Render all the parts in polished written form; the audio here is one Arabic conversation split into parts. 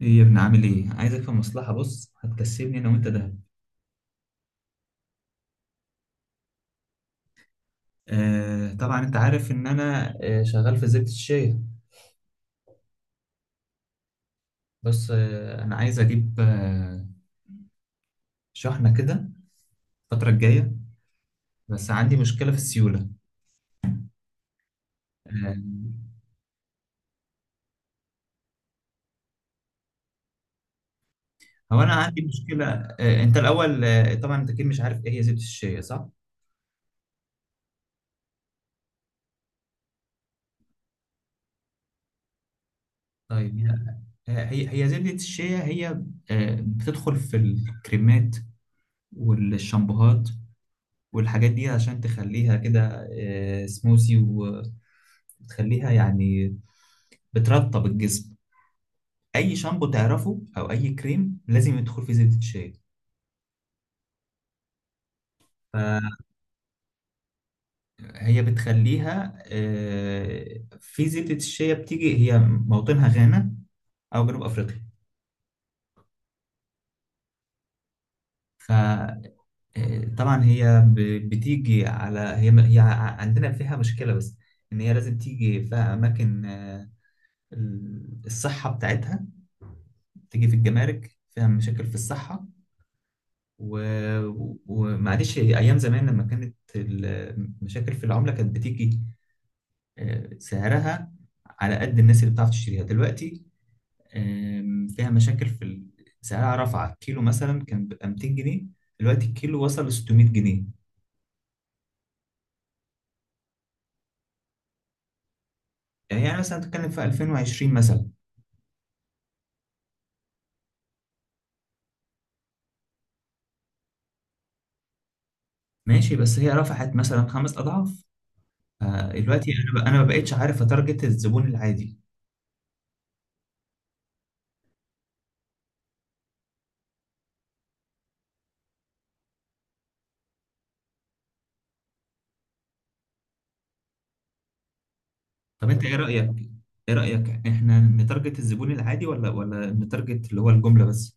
ايه يا ابني عامل ايه؟ عايزك في مصلحة، بص، هتكسبني انا وانت ده. آه، طبعا انت عارف ان انا شغال في زبدة الشاي. بس انا عايز اجيب شحنة كده الفترة الجاية، بس عندي مشكلة في السيولة. آه هو انا عندي مشكلة، انت الاول، طبعا انت اكيد مش عارف ايه هي زبدة الشيا، صح؟ طيب، هي زبدة الشيا هي بتدخل في الكريمات والشامبوهات والحاجات دي عشان تخليها كده سموزي، بتخليها يعني بترطب الجسم. اي شامبو تعرفه او اي كريم لازم يدخل فيه زبدة شيا، فهي بتخليها. في زبدة الشيا، بتيجي هي موطنها غانا او جنوب افريقيا. فطبعا هي بتيجي على هي عندنا فيها مشكلة، بس ان هي لازم تيجي في اماكن الصحة بتاعتها، تيجي في الجمارك فيها مشاكل في الصحة. و... ومعلش، ايام زمان لما كانت المشاكل في العمله كانت بتيجي سعرها على قد الناس اللي بتعرف تشتريها. دلوقتي فيها مشاكل في سعرها رفع. كيلو مثلا كان بيبقى 200 جنيه، دلوقتي الكيلو وصل ل 600 جنيه. يعني مثلا تتكلم في 2020 مثلا. ماشي، بس هي رفعت مثلا 5 اضعاف. فدلوقتي انا ما بقتش عارف اتارجت الزبون العادي. طب انت ايه رايك، احنا نتارجت الزبون العادي ولا نتارجت اللي هو الجمله بس؟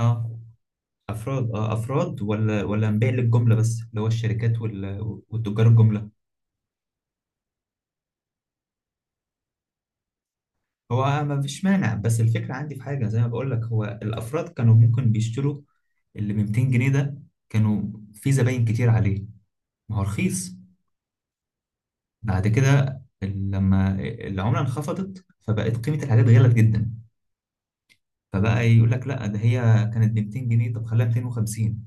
اه، افراد، اه افراد، ولا نبيع للجمله بس اللي هو الشركات والتجار الجمله. هو ما فيش مانع، بس الفكره عندي في حاجه زي ما بقول لك، هو الافراد كانوا ممكن بيشتروا اللي ب 200 جنيه ده، كانوا في زباين كتير عليه، ما هو رخيص. بعد كده لما العمله انخفضت فبقت قيمه الحاجات غلت جدا، فبقى يقول لك لا، ده هي كانت ب 200 جنيه، طب خليها 250،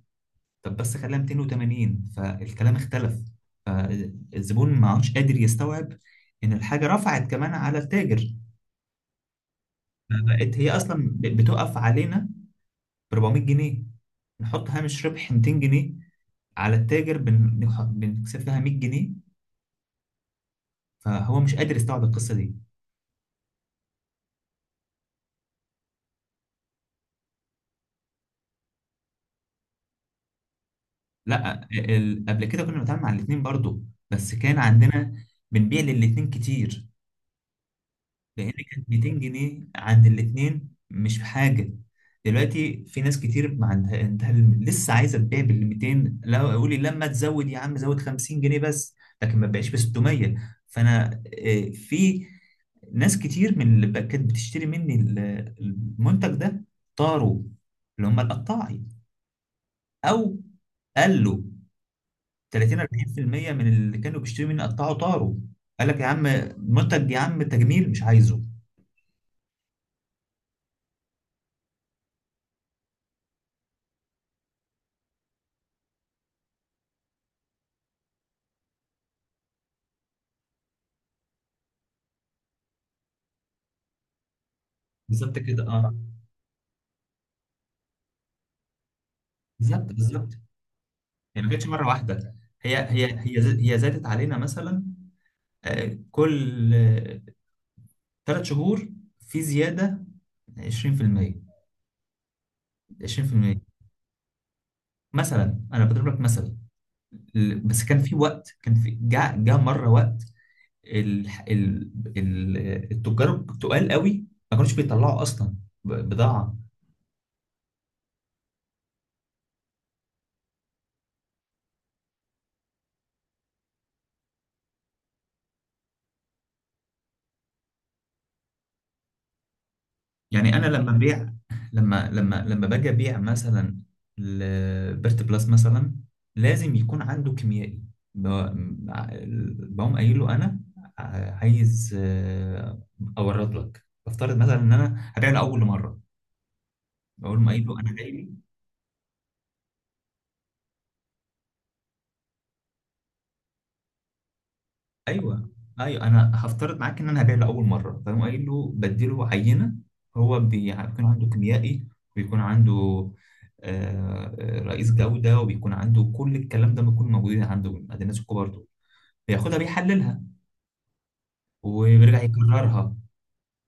طب بس خليها 280. فالكلام اختلف، فالزبون ما عادش قادر يستوعب ان الحاجه رفعت كمان على التاجر. فبقت هي اصلا بتقف علينا ب 400 جنيه، نحط هامش ربح 200 جنيه على التاجر، بنكسب لها 100 جنيه، فهو مش قادر يستوعب القصه دي. لا، قبل كده كنا بنتعامل مع الاثنين برضو، بس كان عندنا بنبيع للاثنين كتير لان كانت 200 جنيه عند الاتنين مش حاجه. دلوقتي في ناس كتير ما عندها لسه عايزه تبيع بال 200، لا، اقول لي لما تزود يا عم زود 50 جنيه بس، لكن ما تبقاش ب 600. فانا في ناس كتير من اللي كانت بتشتري مني المنتج ده طاروا، اللي هم القطاعي، او قالوا 30 40% من اللي كانوا بيشتروا مني قطعوا طاروا. قال لك يا عم منتج، يا عم تجميل مش عايزه. بالظبط كده، اه، بالظبط، بالظبط. هي ما جاتش مره واحده، هي زادت علينا مثلا كل 3 شهور في زياده 20%، 20%. مثلا انا بضرب لك مثلا، بس كان في وقت، كان في جاء مره وقت ال ال ال التجار التقال قوي، ما كانوش بيطلعوا اصلا بضاعه. يعني انا لما ببيع لما لما لما باجي ابيع مثلا لبيرت بلس مثلا، لازم يكون عنده كيميائي، ب- بقوم قايل له انا عايز اورد لك. بفترض مثلا ان انا هبيع لاول مره، بقول له قايل له انا جاي. ايوه، ايوه، انا هفترض معاك ان انا هبيع له اول مره، فاهم، قايل له بديله عينه. هو بيكون عنده كيميائي، بيكون عنده رئيس جوده، وبيكون عنده كل الكلام ده، بيكون موجود عنده عند الناس الكبار دول. بياخدها بيحللها وبيرجع يكررها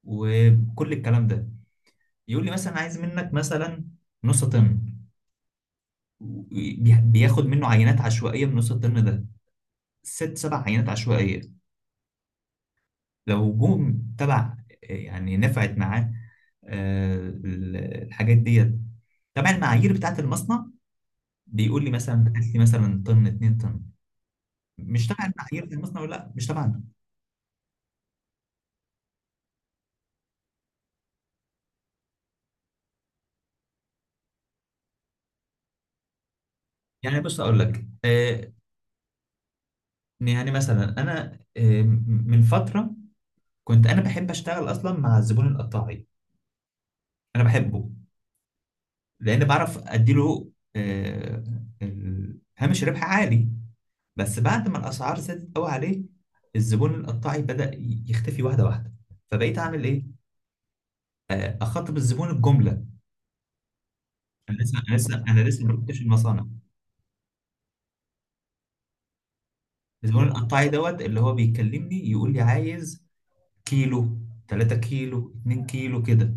وكل الكلام ده. يقول لي مثلا عايز منك مثلا نص طن، بياخد منه عينات عشوائيه من نص الطن ده، ست سبع عينات عشوائيه. لو جم تبع يعني نفعت معاه آه، ال- الحاجات ديت، طبعا المعايير بتاعت المصنع، بيقول لي مثلا هات لي مثلا طن، 2 طن. مش تبع المعايير بتاع المصنع، ولا لا مش تبعنا. يعني بص اقول لك يعني مثلا انا من فتره كنت انا بحب اشتغل اصلا مع الزبون القطاعي، انا بحبه لان بعرف اديله آه، هامش ربح عالي. بس بعد ما الاسعار زادت قوي عليه، الزبون القطاعي بدأ يختفي واحده واحده، فبقيت اعمل ايه؟ اخاطب الزبون الجمله. انا لسه ما رحتش المصانع، بس بقول القطاعي دوت اللي هو بيكلمني، يقول لي عايز كيلو، 3 كيلو، 2 كيلو كده.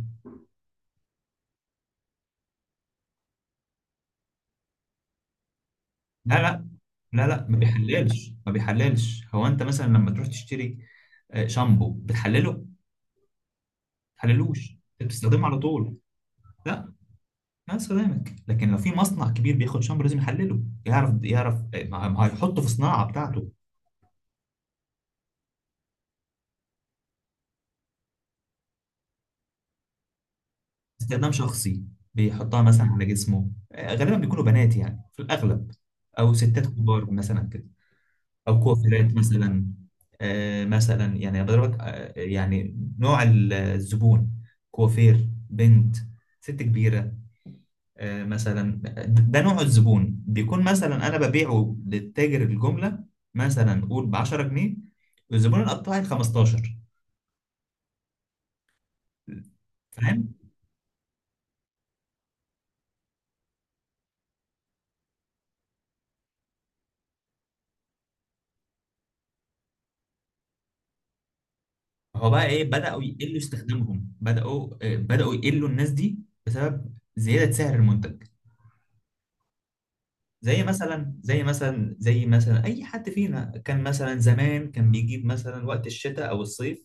لا لا لا لا، ما بيحللش، ما بيحللش. هو انت مثلا لما تروح تشتري شامبو بتحلله؟ ما بتحللوش، انت بتستخدمه على طول. لا، ما استخدامك، لكن لو في مصنع كبير بياخد شامبو لازم يحلله، يعرف ما هيحطه في صناعة بتاعته. استخدام شخصي، بيحطها مثلا على جسمه، غالبا بيكونوا بنات يعني في الأغلب، أو ستات كبار مثلا كده، أو كوافيرات مثلا. مثلا يعني بضربك، يعني نوع الزبون: كوافير، بنت، ست كبيرة. مثلا، ده نوع الزبون بيكون، مثلا أنا ببيعه للتاجر الجملة مثلا قول ب 10 جنيه، والزبون القطاعي 15. فاهم، هو بقى ايه، بدأوا يقلوا استخدامهم، بدأوا يقلوا الناس دي بسبب زيادة سعر المنتج. زي مثلا اي حد فينا كان مثلا زمان كان بيجيب مثلا وقت الشتاء او الصيف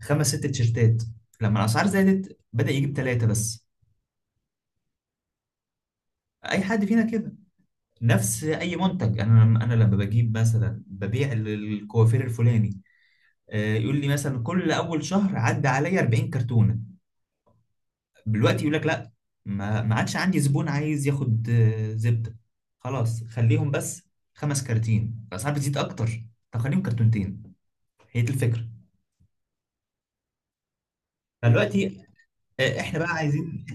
خمس ست تيشيرتات، لما الاسعار زادت بدأ يجيب ثلاثة بس. اي حد فينا كده، نفس اي منتج. انا لما بجيب مثلا ببيع الكوافير الفلاني، يقول لي مثلا كل اول شهر عدى عليا 40 كرتونة، دلوقتي يقول لك لا، ما عادش عندي زبون عايز ياخد زبده، خلاص خليهم بس 5 كراتين، الاسعار بتزيد اكتر، طب خليهم كرتونتين. هي دي الفكره. فدلوقتي احنا بقى عايزين،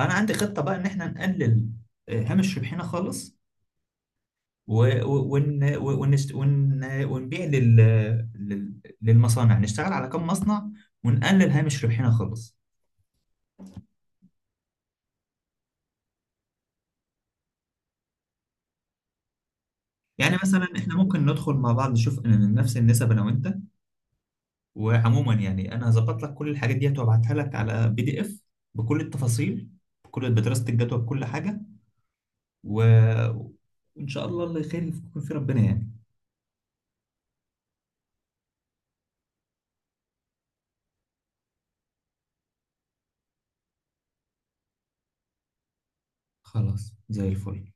انا عندي خطه بقى ان احنا نقلل هامش ربحنا خالص و- و- ون ونشت ون ونبيع لل... للمصانع، نشتغل على كم مصنع ونقلل هامش ربحنا خالص. يعني مثلا احنا ممكن ندخل مع بعض نشوف إن نفس النسب انا وانت، وعموما يعني انا هظبط لك كل الحاجات ديت وابعتها لك على PDF بكل التفاصيل، بدراسة الجدوى، بكل حاجة و... وان شاء الله اللي خير يكون في ربنا يعني. خلاص زي الفل.